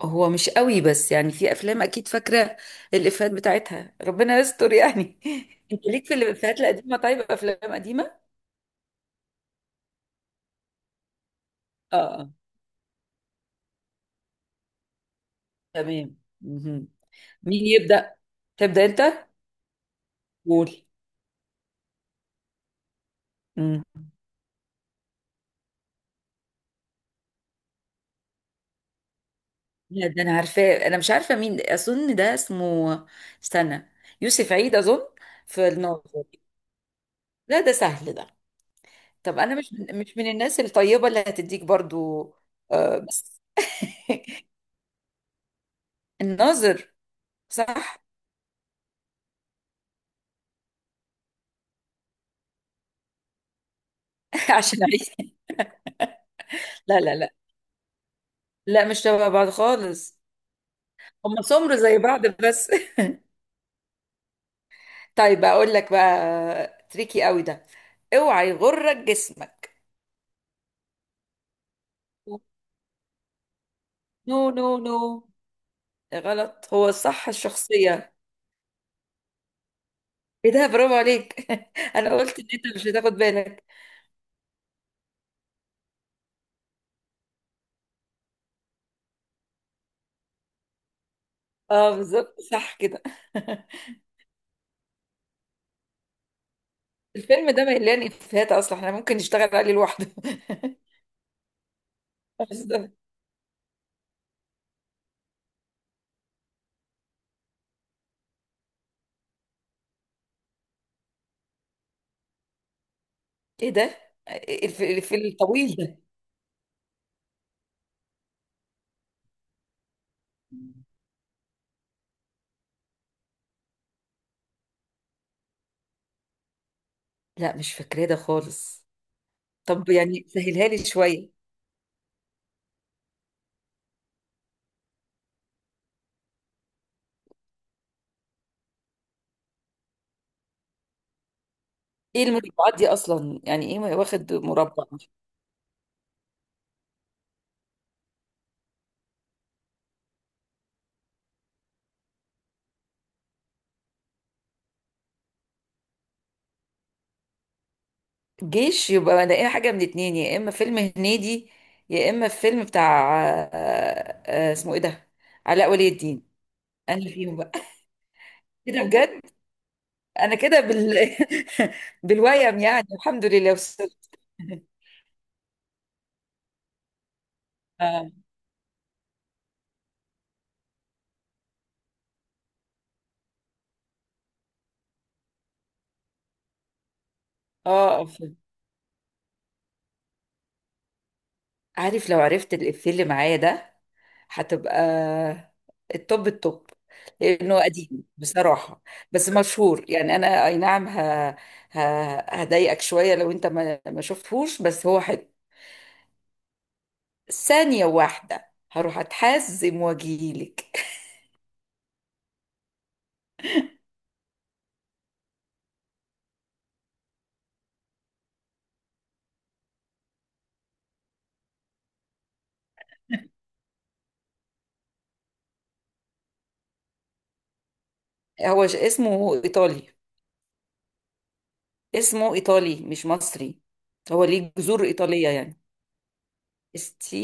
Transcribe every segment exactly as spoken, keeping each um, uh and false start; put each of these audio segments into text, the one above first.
هو مش قوي، بس يعني في افلام اكيد فاكره الافيهات بتاعتها. ربنا يستر يعني انت ليك في الافيهات القديمه؟ طيب افلام قديمه. اه اه. تمام مهم. مين يبدا؟ تبدا انت. قول. مم. لا ده انا عارفاه. انا مش عارفه مين، اظن ده اسمه، استنى، يوسف عيد اظن. في الناظر. لا ده سهل ده. طب انا مش من مش من الناس الطيبه اللي هتديك برضو. آه بس. الناظر. صح. عشان عيد. لا لا لا لا، مش شبه بعض خالص. هم سمر زي بعض بس. طيب اقول لك بقى تريكي قوي ده. اوعى يغرك جسمك. نو نو نو. غلط، هو صح الشخصية. ايه ده؟ برافو عليك انا قلت ان انت مش هتاخد بالك. اه بالظبط، صح كده الفيلم ده مليان افيهات اصلا، احنا ممكن نشتغل عليه لوحده بالظبط. ايه ده؟ الف- الفيلم الطويل ده؟ لا مش فاكراه ده خالص. طب يعني سهلها لي شوية. ايه المربعات دي اصلا؟ يعني ايه واخد مربع؟ جيش، يبقى الاقيها حاجه من اتنين، يا اما فيلم هنيدي، يا اما فيلم بتاع آه، آه، اسمه ايه ده، علاء ولي الدين. انا فيهم بقى كده بجد. انا كده بال بالويم، يعني الحمد لله وصلت. اه. آه، فيلم. عارف لو عرفت الافيه اللي معايا ده، هتبقى التوب التوب. لانه قديم بصراحه، بس مشهور يعني. انا اي نعم، ه... ه... هضايقك شويه لو انت ما, ما شفتهوش، بس هو حلو. ثانيه واحده هروح اتحزم واجيلك. هو ش- اسمه ايطالي. اسمه ايطالي مش مصري. هو ليه جذور ايطاليه يعني. استي،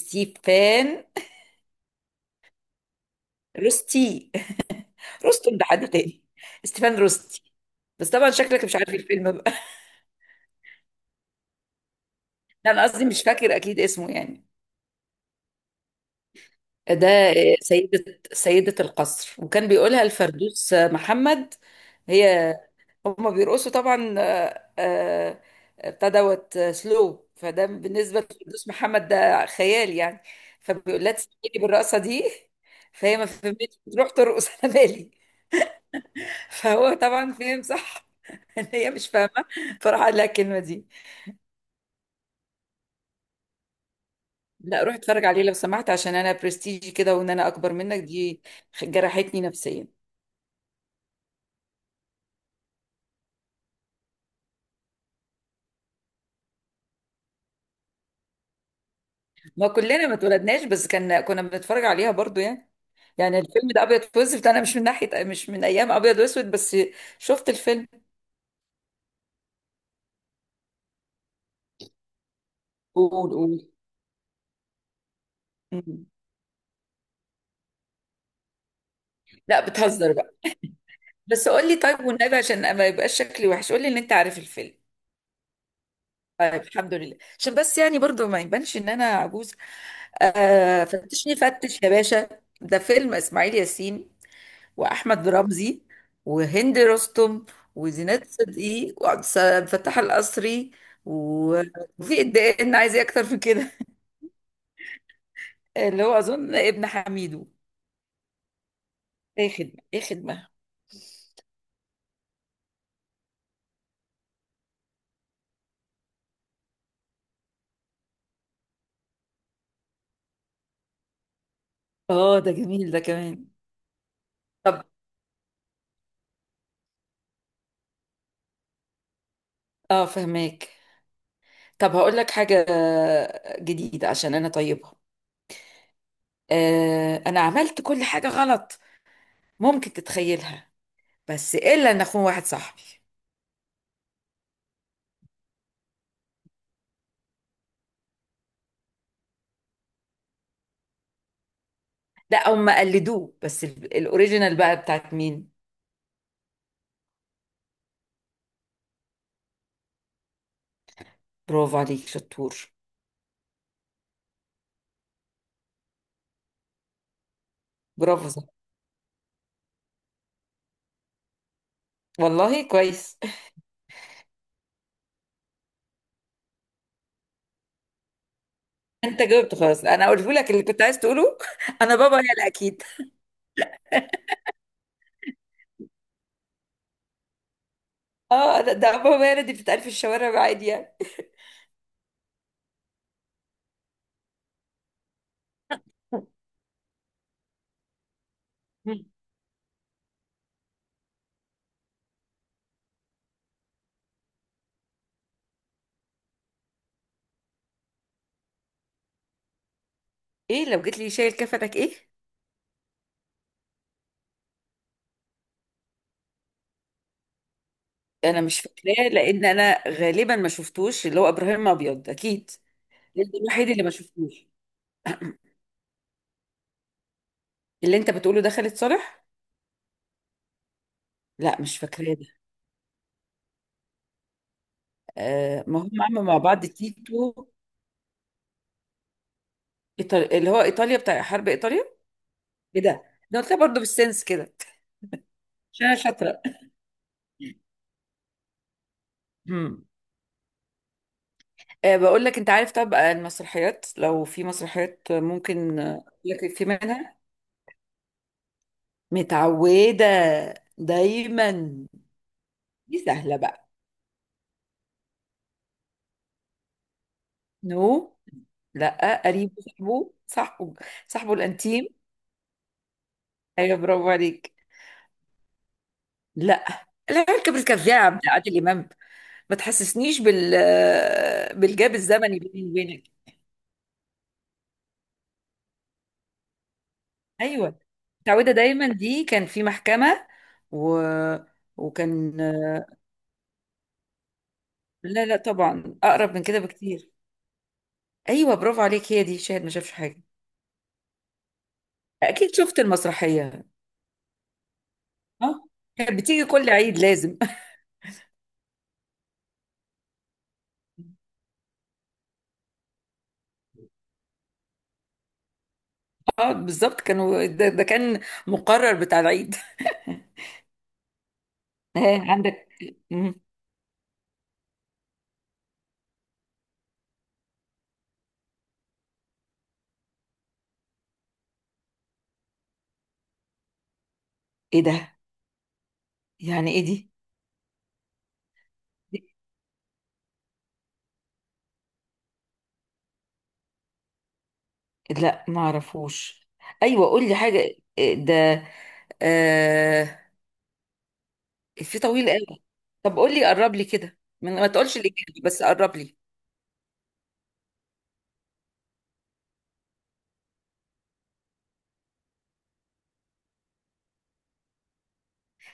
ستيفان روستي. روستون ده حد تاني. ستيفان روستي. بس طبعا شكلك مش عارف الفيلم. لا انا قصدي مش فاكر اكيد اسمه يعني. ده سيدة سيدة القصر، وكان بيقولها الفردوس محمد. هي، هما بيرقصوا طبعا، آه، آه، ابتدوت سلو، فده بالنسبة لفردوس محمد ده خيال يعني. فبيقول لها تسمعيني بالرقصة دي. فهي ما فهمتش، تروح ترقص على بالي. فهو طبعا فهم صح ان هي مش فاهمة. فراح قال لها الكلمة دي. لا روح اتفرج عليه لو سمحت، عشان انا برستيجي كده، وان انا اكبر منك دي جرحتني نفسيا. ما كلنا ما اتولدناش، بس كان كنا بنتفرج عليها برضو يعني. يعني الفيلم ده ابيض واسود، انا مش من ناحيه مش من ايام ابيض واسود بس. شفت الفيلم. قول قول. مم. لا بتهزر بقى. بس قول لي طيب والنبي، عشان ما يبقاش شكلي وحش، قول لي ان انت عارف الفيلم. طيب الحمد لله، عشان بس يعني برضو ما يبانش ان انا عجوز. آه فتشني فتش يا باشا. ده فيلم اسماعيل ياسين، واحمد رمزي، وهند رستم، وزينات صدقي، وعبد الس- فتاح القصري، و- وفي الدقن، عايز ايه اكتر من كده؟ اللي هو اظن ابن حميدو. ايه خدمه ايه خدمه. اه ده جميل ده كمان. طب. اه فهماك. طب هقول لك حاجه جديده عشان انا طيبها. آه انا عملت كل حاجه غلط ممكن تتخيلها، بس الا ان اخون واحد صاحبي. لا هم قلدوه، بس ال- الاوريجينال بقى بتاعت مين؟ برافو عليك، شطور. برافو صح. والله كويس. انت جاوبت خلاص، انا قلت لك اللي كنت عايز تقوله. انا بابا يلا اكيد. اه ده, ده بابا يلا، دي بتتقال في الشوارع عادي يعني. ايه لو جيت لي شايل كفتك ايه؟ انا مش فاكراه، لان انا غالبا ما شفتوش. اللي هو ابراهيم ابيض اكيد، ده الوحيد اللي ما شفتوش. اللي انت بتقوله ده خالد صالح. لا مش فاكراه ده. آه ما هم عملوا مع بعض تيتو إيطالي، اللي هو ايطاليا بتاع حرب ايطاليا. ايه ده، ده قلتها برضه بالسنس كده. عشان انا شاطره. أه بقول لك، انت عارف طبعا المسرحيات. لو في مسرحيات ممكن آه، لك في منها. متعودة دايما. دي سهلة بقى. نو. لا قريب، صاحبه صاحبه، صاحبه الانتيم. ايوه برافو عليك. لا، العركة بالكذاب بتاع عادل امام. ما تحسسنيش بال آه، بالجاب الزمني بيني وبينك. ايوه متعودة دايما، دي كان في محكمة، و... وكان. لا لا، طبعا اقرب من كده بكتير. ايوه برافو عليك، هي دي شاهد ما شافش حاجه. اكيد شفت المسرحيه. اه. كانت بتيجي كل عيد لازم اه بالظبط، كانوا ده, ده كان مقرر بتاع العيد. ها عندك. مم. ايه ده؟ يعني ايه دي؟ لا ما اعرفوش. ايوه قول لي حاجه. إيه ده؟ آه في طويل قوي. طب قول لي، قرب لي كده، من- ما تقولش الاجابه بس قرب لي.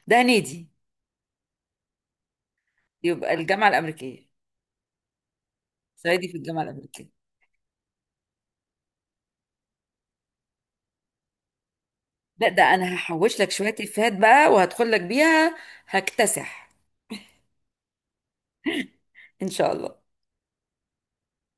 ده نادي. يبقى الجامعه الامريكيه. صعيدي في الجامعه الامريكيه. لا ده انا هحوش لك شوية افيهات بقى وهدخل لك بيها. هكتسح. ان شاء الله.